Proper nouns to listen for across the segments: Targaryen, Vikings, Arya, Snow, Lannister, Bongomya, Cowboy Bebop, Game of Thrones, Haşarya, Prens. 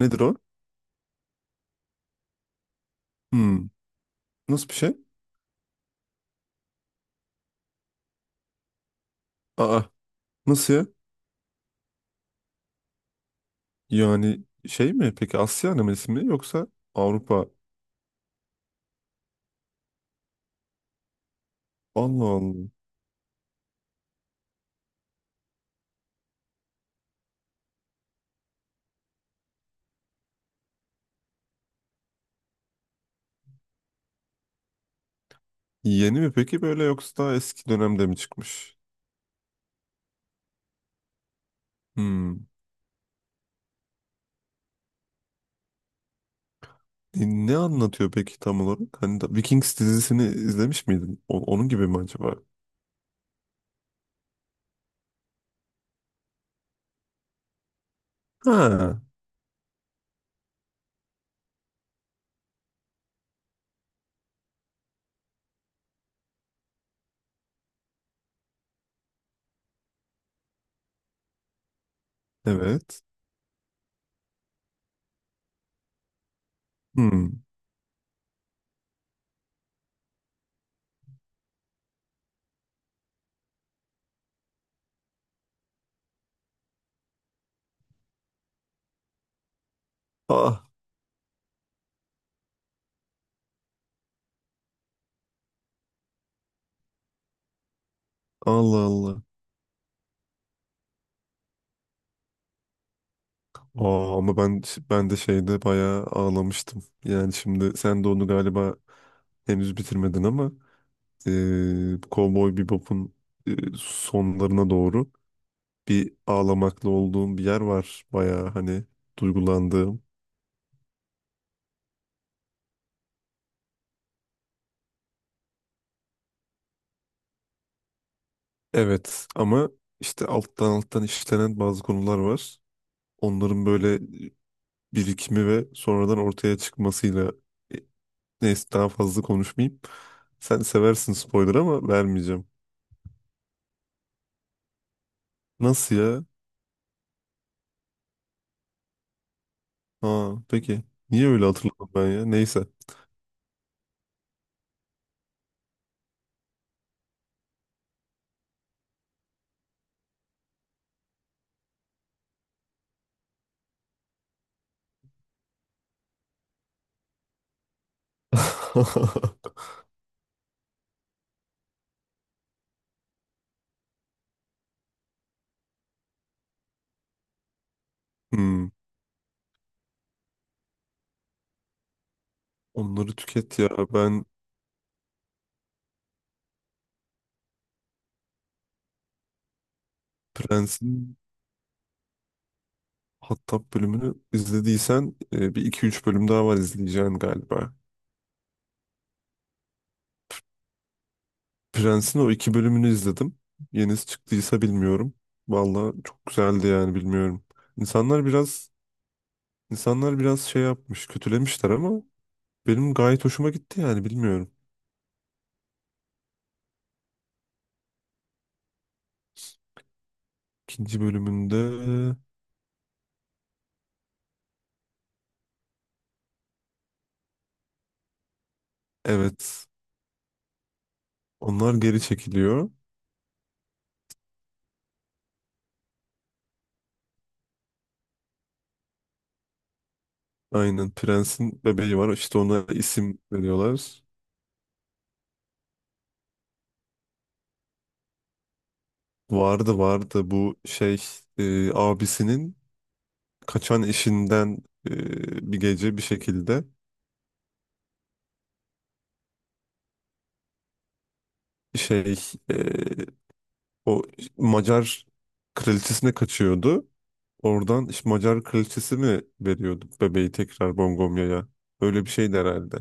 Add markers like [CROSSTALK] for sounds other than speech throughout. Nedir o? Hmm. Nasıl bir şey? Aa, nasıl ya? Yani şey mi? Peki Asya anemisi mi, yoksa Avrupa? Allah Allah. Yeni mi peki böyle, yoksa daha eski dönemde mi çıkmış? Hmm. E, Ne anlatıyor peki tam olarak? Hani da Vikings dizisini izlemiş miydin? Onun gibi mi acaba? Ha, evet. Hmm. Ah, Allah Allah. Aa, ama ben de şeyde bayağı ağlamıştım. Yani şimdi sen de onu galiba henüz bitirmedin, ama Cowboy Bebop'un e, sonlarına doğru bir ağlamaklı olduğum bir yer var. Bayağı hani duygulandığım. Evet, ama işte alttan alttan işlenen bazı konular var. Onların böyle birikimi ve sonradan ortaya çıkmasıyla. E, neyse, daha fazla konuşmayayım. Sen seversin spoiler, ama vermeyeceğim. Nasıl ya? Ha, peki. Niye öyle hatırladım ben ya? Neyse. [LAUGHS] Hmm, onları tüket ya. Prens'in Hattab bölümünü izlediysen bir iki üç bölüm daha var izleyeceğin galiba. Prens'in o iki bölümünü izledim. Yenisi çıktıysa bilmiyorum. Valla çok güzeldi yani, bilmiyorum. İnsanlar biraz insanlar biraz şey yapmış, kötülemişler, ama benim gayet hoşuma gitti yani, bilmiyorum. İkinci bölümünde, evet, onlar geri çekiliyor. Aynen, Prens'in bebeği var işte, ona isim veriyorlar. Vardı vardı, bu şey, abisinin kaçan eşinden bir gece bir şekilde şey, e, o Macar kraliçesine kaçıyordu. Oradan işte Macar kraliçesi mi veriyordu bebeği tekrar Bongomya'ya? Öyle bir şeydi herhalde.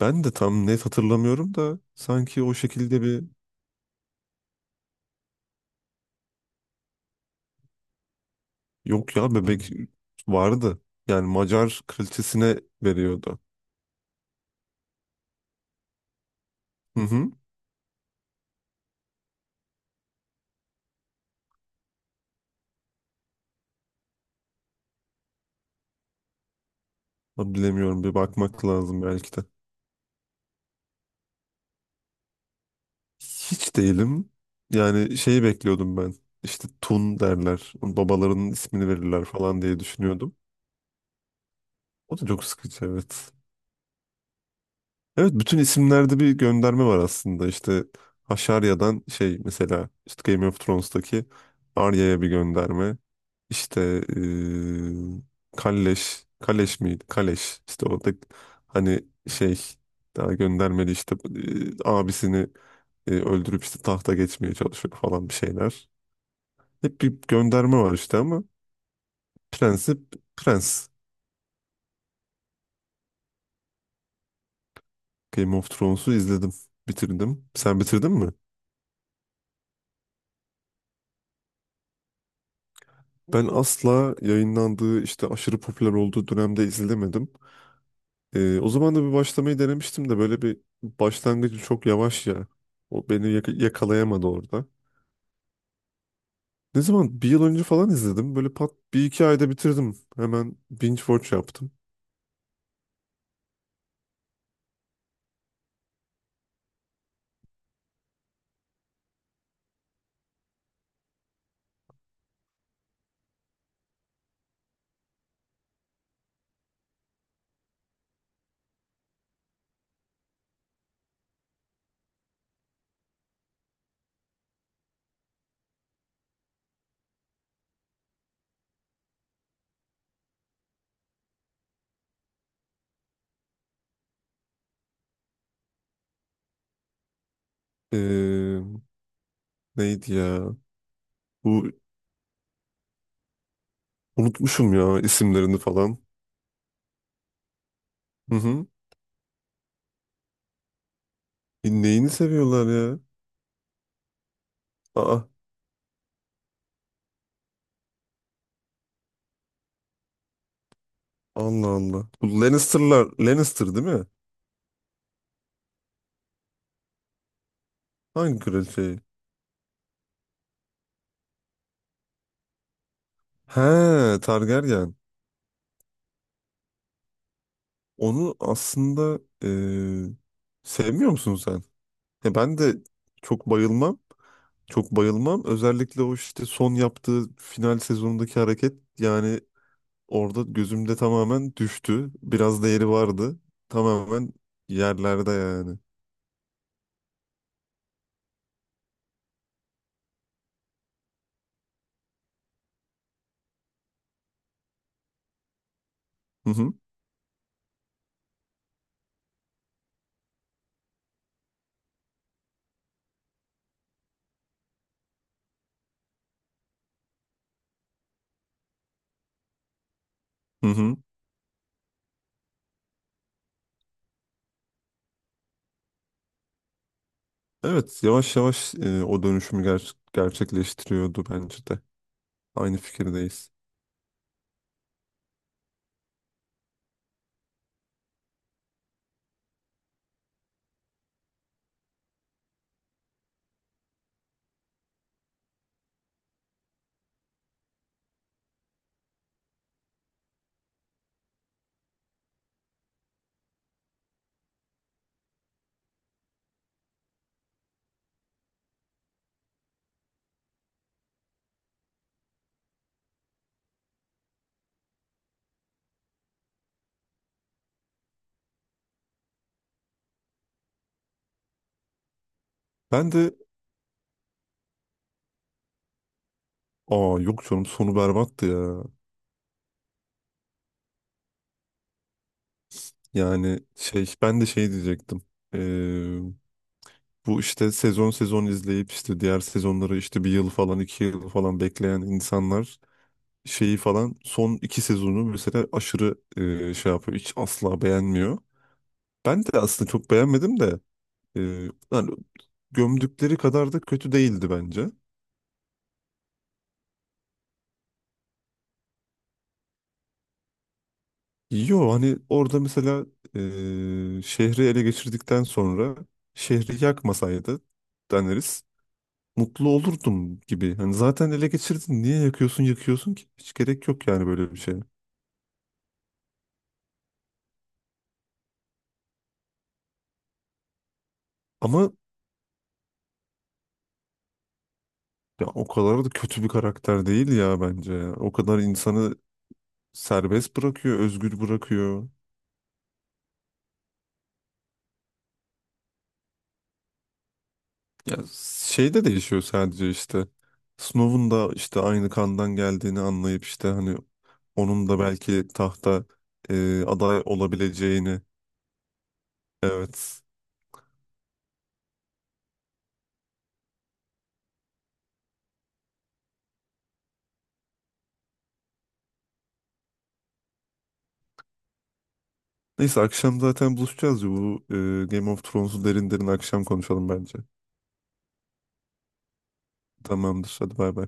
Ben de tam net hatırlamıyorum da, sanki o şekilde bir, yok ya, bebek vardı. Yani Macar kraliçesine veriyordu. Hı hı. Bilemiyorum, bir bakmak lazım belki de. Hiç değilim. Yani şeyi bekliyordum ben. İşte Tun derler, babalarının ismini verirler falan diye düşünüyordum. O da çok sıkıcı, evet. Evet, bütün isimlerde bir gönderme var aslında. İşte Haşarya'dan şey, mesela işte Game of Thrones'taki Arya'ya bir gönderme. İşte Kalleş. Kaleş miydi? Kaleş. İşte o da hani şey, daha göndermeli işte, abisini öldürüp işte tahta geçmeye çalışıyor falan bir şeyler. Hep bir gönderme var işte, ama prensip prens. Game of Thrones'u izledim. Bitirdim. Sen bitirdin mi? Ben asla yayınlandığı işte, aşırı popüler olduğu dönemde izlemedim. O zaman da bir başlamayı denemiştim de, böyle bir, başlangıcı çok yavaş ya. O beni yakalayamadı orada. Ne zaman? Bir yıl önce falan izledim. Böyle pat bir iki ayda bitirdim. Hemen binge watch yaptım. Ee, neydi ya? Bu Unutmuşum ya isimlerini falan. Hı hı. Neyini seviyorlar ya? Aa, Allah Allah. Bu Lannister'lar, Lannister değil mi? Hangi kraliçeyi? He, Targaryen. Onu aslında sevmiyor musun sen? He, ben de çok bayılmam. Çok bayılmam. Özellikle o işte son yaptığı final sezonundaki hareket yani, orada gözümde tamamen düştü. Biraz değeri vardı. Tamamen yerlerde yani. Hı hı. Hı hı. Evet, yavaş yavaş, o dönüşümü gerçekleştiriyordu bence de. Aynı fikirdeyiz. Ben de Aa, yok canım, sonu berbattı ya. Yani şey, ben de şey diyecektim. Ee, bu işte sezon sezon izleyip işte diğer sezonları, işte bir yıl falan, 2 yıl falan bekleyen insanlar şeyi falan, son iki sezonu mesela aşırı şey yapıyor. Hiç asla beğenmiyor. Ben de aslında çok beğenmedim de, e, yani gömdükleri kadar da kötü değildi bence. Yo hani, orada mesela şehri ele geçirdikten sonra şehri yakmasaydı, deneriz, mutlu olurdum gibi. Hani zaten ele geçirdin, niye yakıyorsun yakıyorsun ki? Hiç gerek yok yani böyle bir şeye. Ama ya, o kadar da kötü bir karakter değil ya bence ya. O kadar insanı serbest bırakıyor, özgür bırakıyor. Ya şey de değişiyor sadece işte. Snow'un da işte aynı kandan geldiğini anlayıp, işte hani onun da belki tahta aday olabileceğini. Evet. Neyse, akşam zaten buluşacağız ya, bu Game of Thrones'u derin derin akşam konuşalım bence. Tamamdır, hadi bay bay.